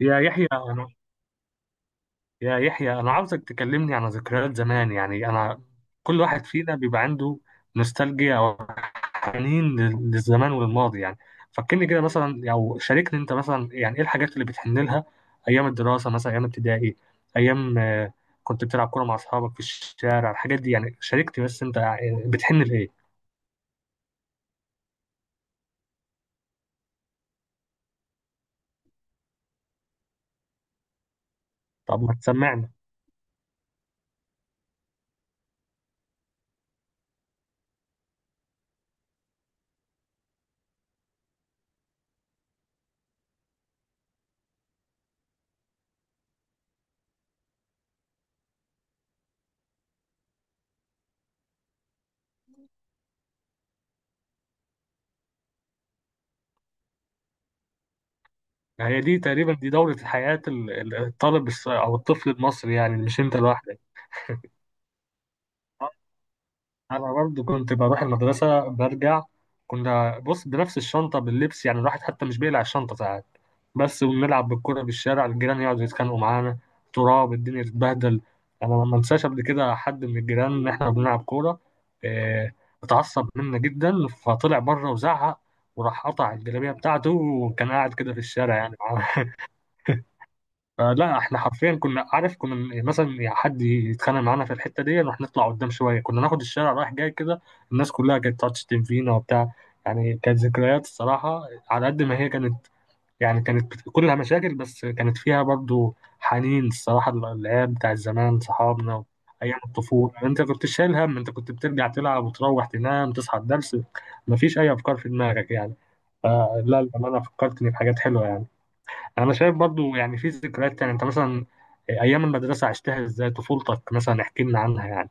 يا يحيى أنا يا يحيى أنا عاوزك تكلمني عن ذكريات زمان. يعني أنا كل واحد فينا بيبقى عنده نوستالجيا أو حنين للزمان وللماضي. يعني فكرني كده مثلا أو شاركني أنت مثلا، يعني إيه الحاجات اللي بتحن لها؟ أيام الدراسة مثلا، أيام ابتدائي، أيام كنت بتلعب كورة مع أصحابك في الشارع، الحاجات دي يعني. شاركني بس أنت، يعني بتحن لإيه؟ طب ما تسمعنا. هي دي تقريبا دي دورة حياة الطالب أو الطفل المصري، يعني مش أنت لوحدك. انا برضو كنت بروح المدرسه برجع، كنا بص بنفس الشنطه باللبس، يعني الواحد حتى مش بيقلع الشنطه ساعات بس، وبنلعب بالكوره بالشارع، الجيران يقعدوا يتخانقوا معانا، تراب الدنيا تتبهدل. انا ما انساش قبل كده حد من الجيران ان احنا بنلعب كوره، إيه، اتعصب منا جدا فطلع بره وزعق وراح قطع الجلابيه بتاعته، وكان قاعد كده في الشارع يعني فلا احنا حرفيا كنا عارف، كنا مثلا يعني حد يتخانق معانا في الحته دي نروح نطلع قدام شويه، كنا ناخد الشارع رايح جاي كده. الناس كلها كانت تقعد تشتم فينا وبتاع، يعني كانت ذكريات الصراحه على قد ما هي كانت، يعني كانت كلها مشاكل بس كانت فيها برضو حنين الصراحه، العيال بتاع زمان صحابنا. ايام الطفوله يعني، انت كنت شايل هم؟ انت كنت بترجع تلعب وتروح تنام تصحى الدرس، مفيش اي افكار في دماغك يعني. فلا انا فكرتني بحاجات حلوه يعني. انا شايف برضو يعني في ذكريات تانية، انت مثلا ايام المدرسه عشتها ازاي؟ طفولتك مثلا احكي لنا عنها يعني.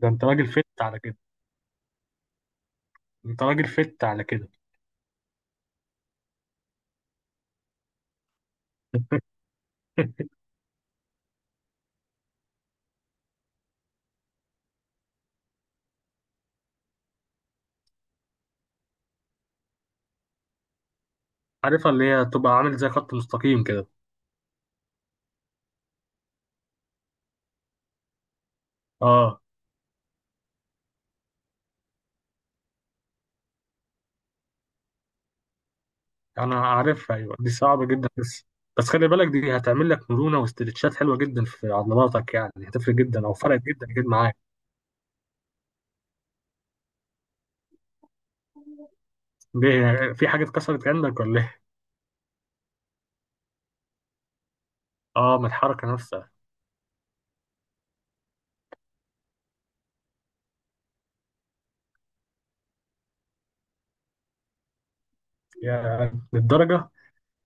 ده انت راجل فت على كده. انت راجل فت على كده. عارفها، اللي هي تبقى عامل زي خط مستقيم كده. اه انا عارفها، ايوه دي صعبه جدا، بس بس خلي بالك دي هتعمل لك مرونه واسترتشات حلوه جدا في عضلاتك، يعني هتفرق جدا او فرقت جدا جدا معاك. ليه، في حاجه اتكسرت عندك ولا ايه؟ اه، من الحركه نفسها. يا للدرجه.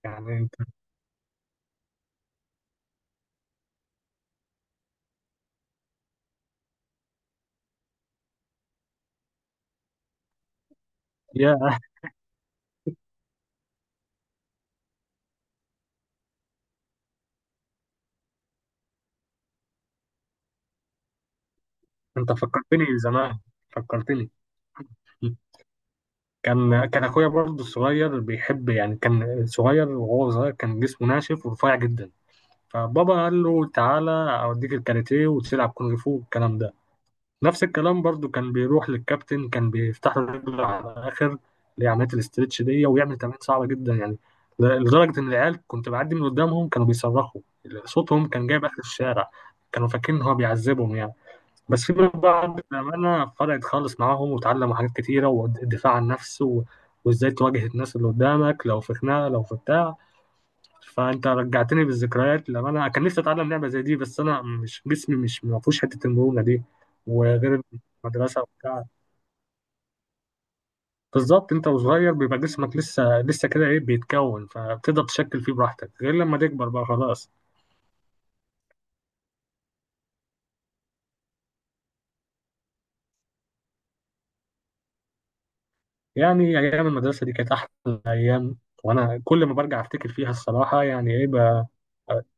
يعني انت، يا. انت فكرتني زمان. فكرتني كان اخويا برضه الصغير بيحب، يعني كان صغير وهو صغير كان جسمه ناشف ورفيع جدا، فبابا قال له تعالى اوديك الكاراتيه وتلعب كونغ فو والكلام ده. نفس الكلام برضه كان بيروح للكابتن، كان بيفتح له رجله على الاخر، اللي هي عمليه الاسترتش دي، ويعمل تمارين صعبه جدا يعني، لدرجه ان العيال كنت بعدي من قدامهم كانوا بيصرخوا، صوتهم كان جايب اخر الشارع، كانوا فاكرين ان هو بيعذبهم يعني. بس في منهم بقى بأمانة فرقت خالص معاهم وتعلموا حاجات كتيرة والدفاع عن النفس وازاي تواجه الناس اللي قدامك لو في خناقة لو في بتاع. فأنت رجعتني بالذكريات، لما أنا كان نفسي أتعلم لعبة زي دي بس أنا مش جسمي مش ما فيهوش حتة المرونة دي. وغير المدرسة وبتاع. بالظبط، أنت وصغير بيبقى جسمك لسه لسه كده إيه بيتكون، فبتقدر تشكل فيه براحتك، غير لما تكبر بقى خلاص. يعني أيام المدرسة دي كانت أحلى أيام. وأنا كل ما برجع أفتكر فيها الصراحة يعني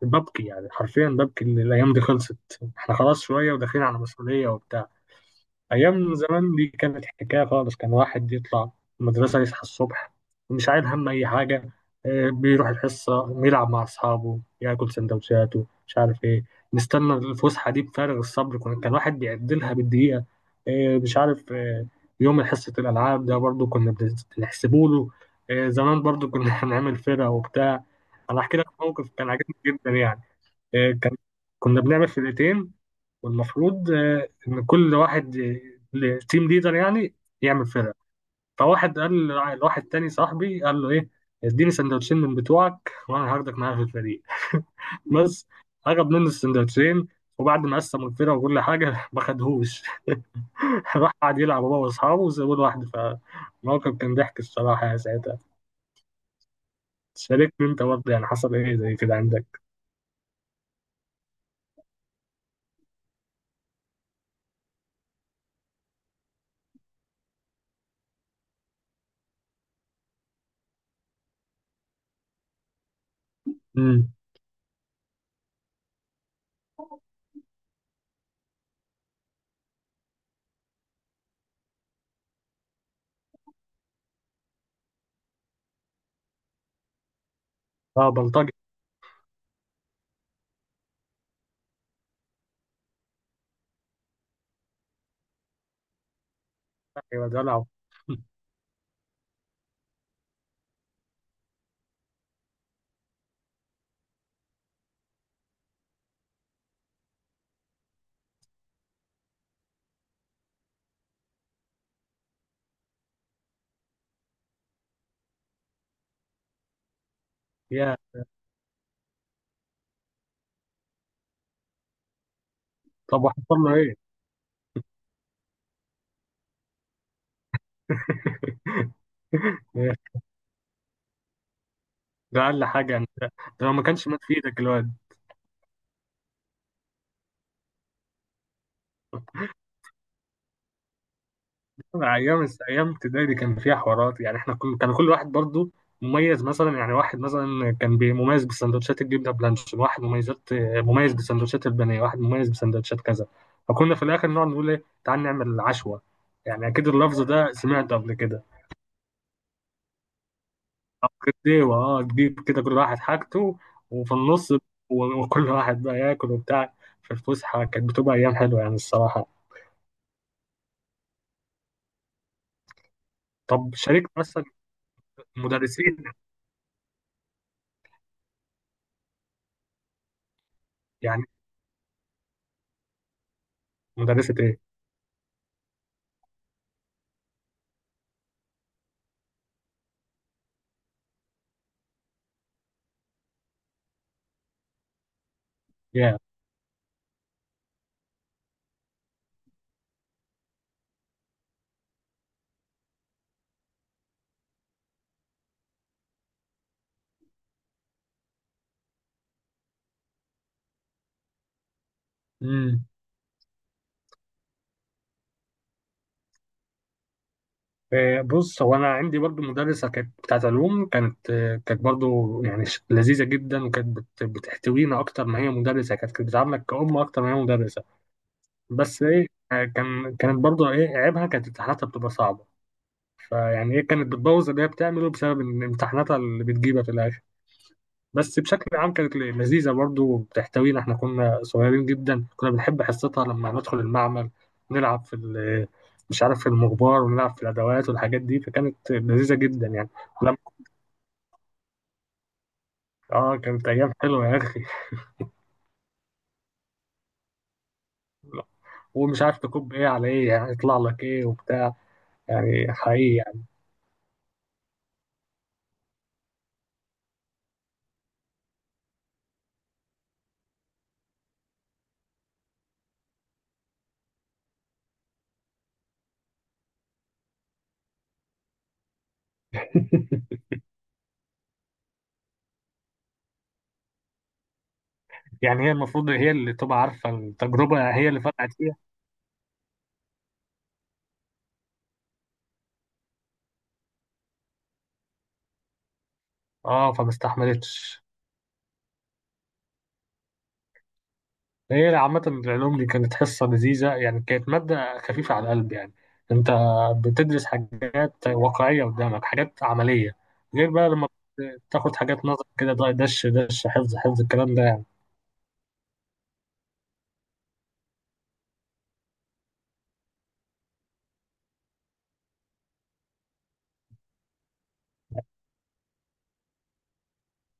ببكي، يعني حرفيا ببكي إن الأيام دي خلصت. إحنا خلاص شوية وداخلين على مسؤولية وبتاع. أيام زمان دي كانت حكاية خالص، كان واحد يطلع المدرسة يصحى الصبح مش عايل هم أي حاجة، بيروح الحصة يلعب مع أصحابه ياكل سندوتشاته مش عارف إيه. نستنى الفسحة دي بفارغ الصبر، كان واحد بيعدلها بالدقيقة، مش عارف يوم حصة الألعاب ده برضو كنا بنحسبه له، زمان برضو كنا هنعمل فرقة وبتاع. أنا أحكي لك موقف كان عجبني جدا يعني. كان كنا بنعمل فرقتين، والمفروض ان كل واحد التيم ليدر يعني يعمل فرقه. فواحد قال لواحد تاني صاحبي، قال له ايه، اديني سندوتشين من بتوعك وانا هاخدك معايا في الفريق. بس اخد منه السندوتشين، وبعد ما قسموا الفرقه وكل حاجه ما خدهوش راح قعد يلعب هو واصحابه وسابوه لوحده، فالموقف كان ضحك الصراحه يا ساعتها. شاركني انت برضه، يعني حصل ايه زي كده عندك؟ امم. اه بلطجي. يا دلع. يا. طب وحصل له ايه؟ ده أقل حاجة يعني، ده لو ما كانش مات في إيدك الواد. أيام أيام ابتدائي دي كان فيها حوارات، يعني إحنا كل واحد برضو مميز مثلا، يعني واحد مثلا كان مميز بسندوتشات الجبنة بلانشون، واحد مميز بسندوتشات البانيه، واحد مميز بسندوتشات كذا. فكنا في الآخر نقعد نقول إيه، تعال نعمل عشوة، يعني أكيد اللفظ ده سمعته قبل كده. أيوة أه تجيب كده كل واحد حاجته، وفي النص وكل واحد بقى ياكل وبتاع، في الفسحة كانت بتبقى أيام حلوة يعني الصراحة. طب شاركت مثلا مدرسين؟ يعني مدرسة ايه؟ يا. امم. بص هو انا عندي برضو مدرسة كانت بتاعت علوم كانت، كانت برضو يعني لذيذة جدا، وكانت بتحتوينا اكتر ما هي مدرسة، كانت بتعاملك كأم اكتر ما هي مدرسة. بس ايه كانت برضو ايه عيبها، كانت امتحاناتها بتبقى صعبة، فيعني ايه كانت بتبوظ اللي هي بتعمله بسبب ان امتحاناتها اللي بتجيبها في الاخر. بس بشكل عام كانت لذيذة برضو بتحتوينا، احنا كنا صغيرين جدا كنا بنحب حصتها لما ندخل المعمل نلعب في مش عارف في المغبار، ونلعب في الأدوات والحاجات دي، فكانت لذيذة جدا يعني. لما اه كانت أيام حلوة يا أخي. ومش عارف تكب ايه على ايه، يعني يطلع لك ايه وبتاع، يعني حقيقي يعني. يعني هي المفروض هي اللي تبقى عارفة التجربة، هي اللي فرقت فيها. اه فما استحملتش. هي عامة العلوم دي كانت حصة لذيذة يعني، كانت مادة خفيفة على القلب يعني. أنت بتدرس حاجات واقعية قدامك، حاجات عملية. غير بقى لما بتاخد حاجات نظر كده، دش دش حفظ حفظ الكلام ده يعني.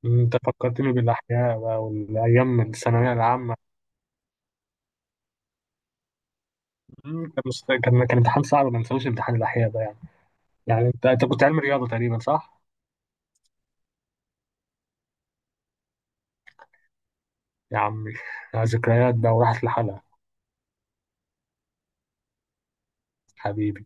أنت فكرتني بالأحياء بقى والأيام الثانوية العامة. مم، كان كان امتحان صعب ما ننساوش امتحان الأحياء ده يعني. يعني أنت كنت علمي رياضة تقريبا صح؟ يا عمي. ذكريات بقى وراحت لحالها. حبيبي.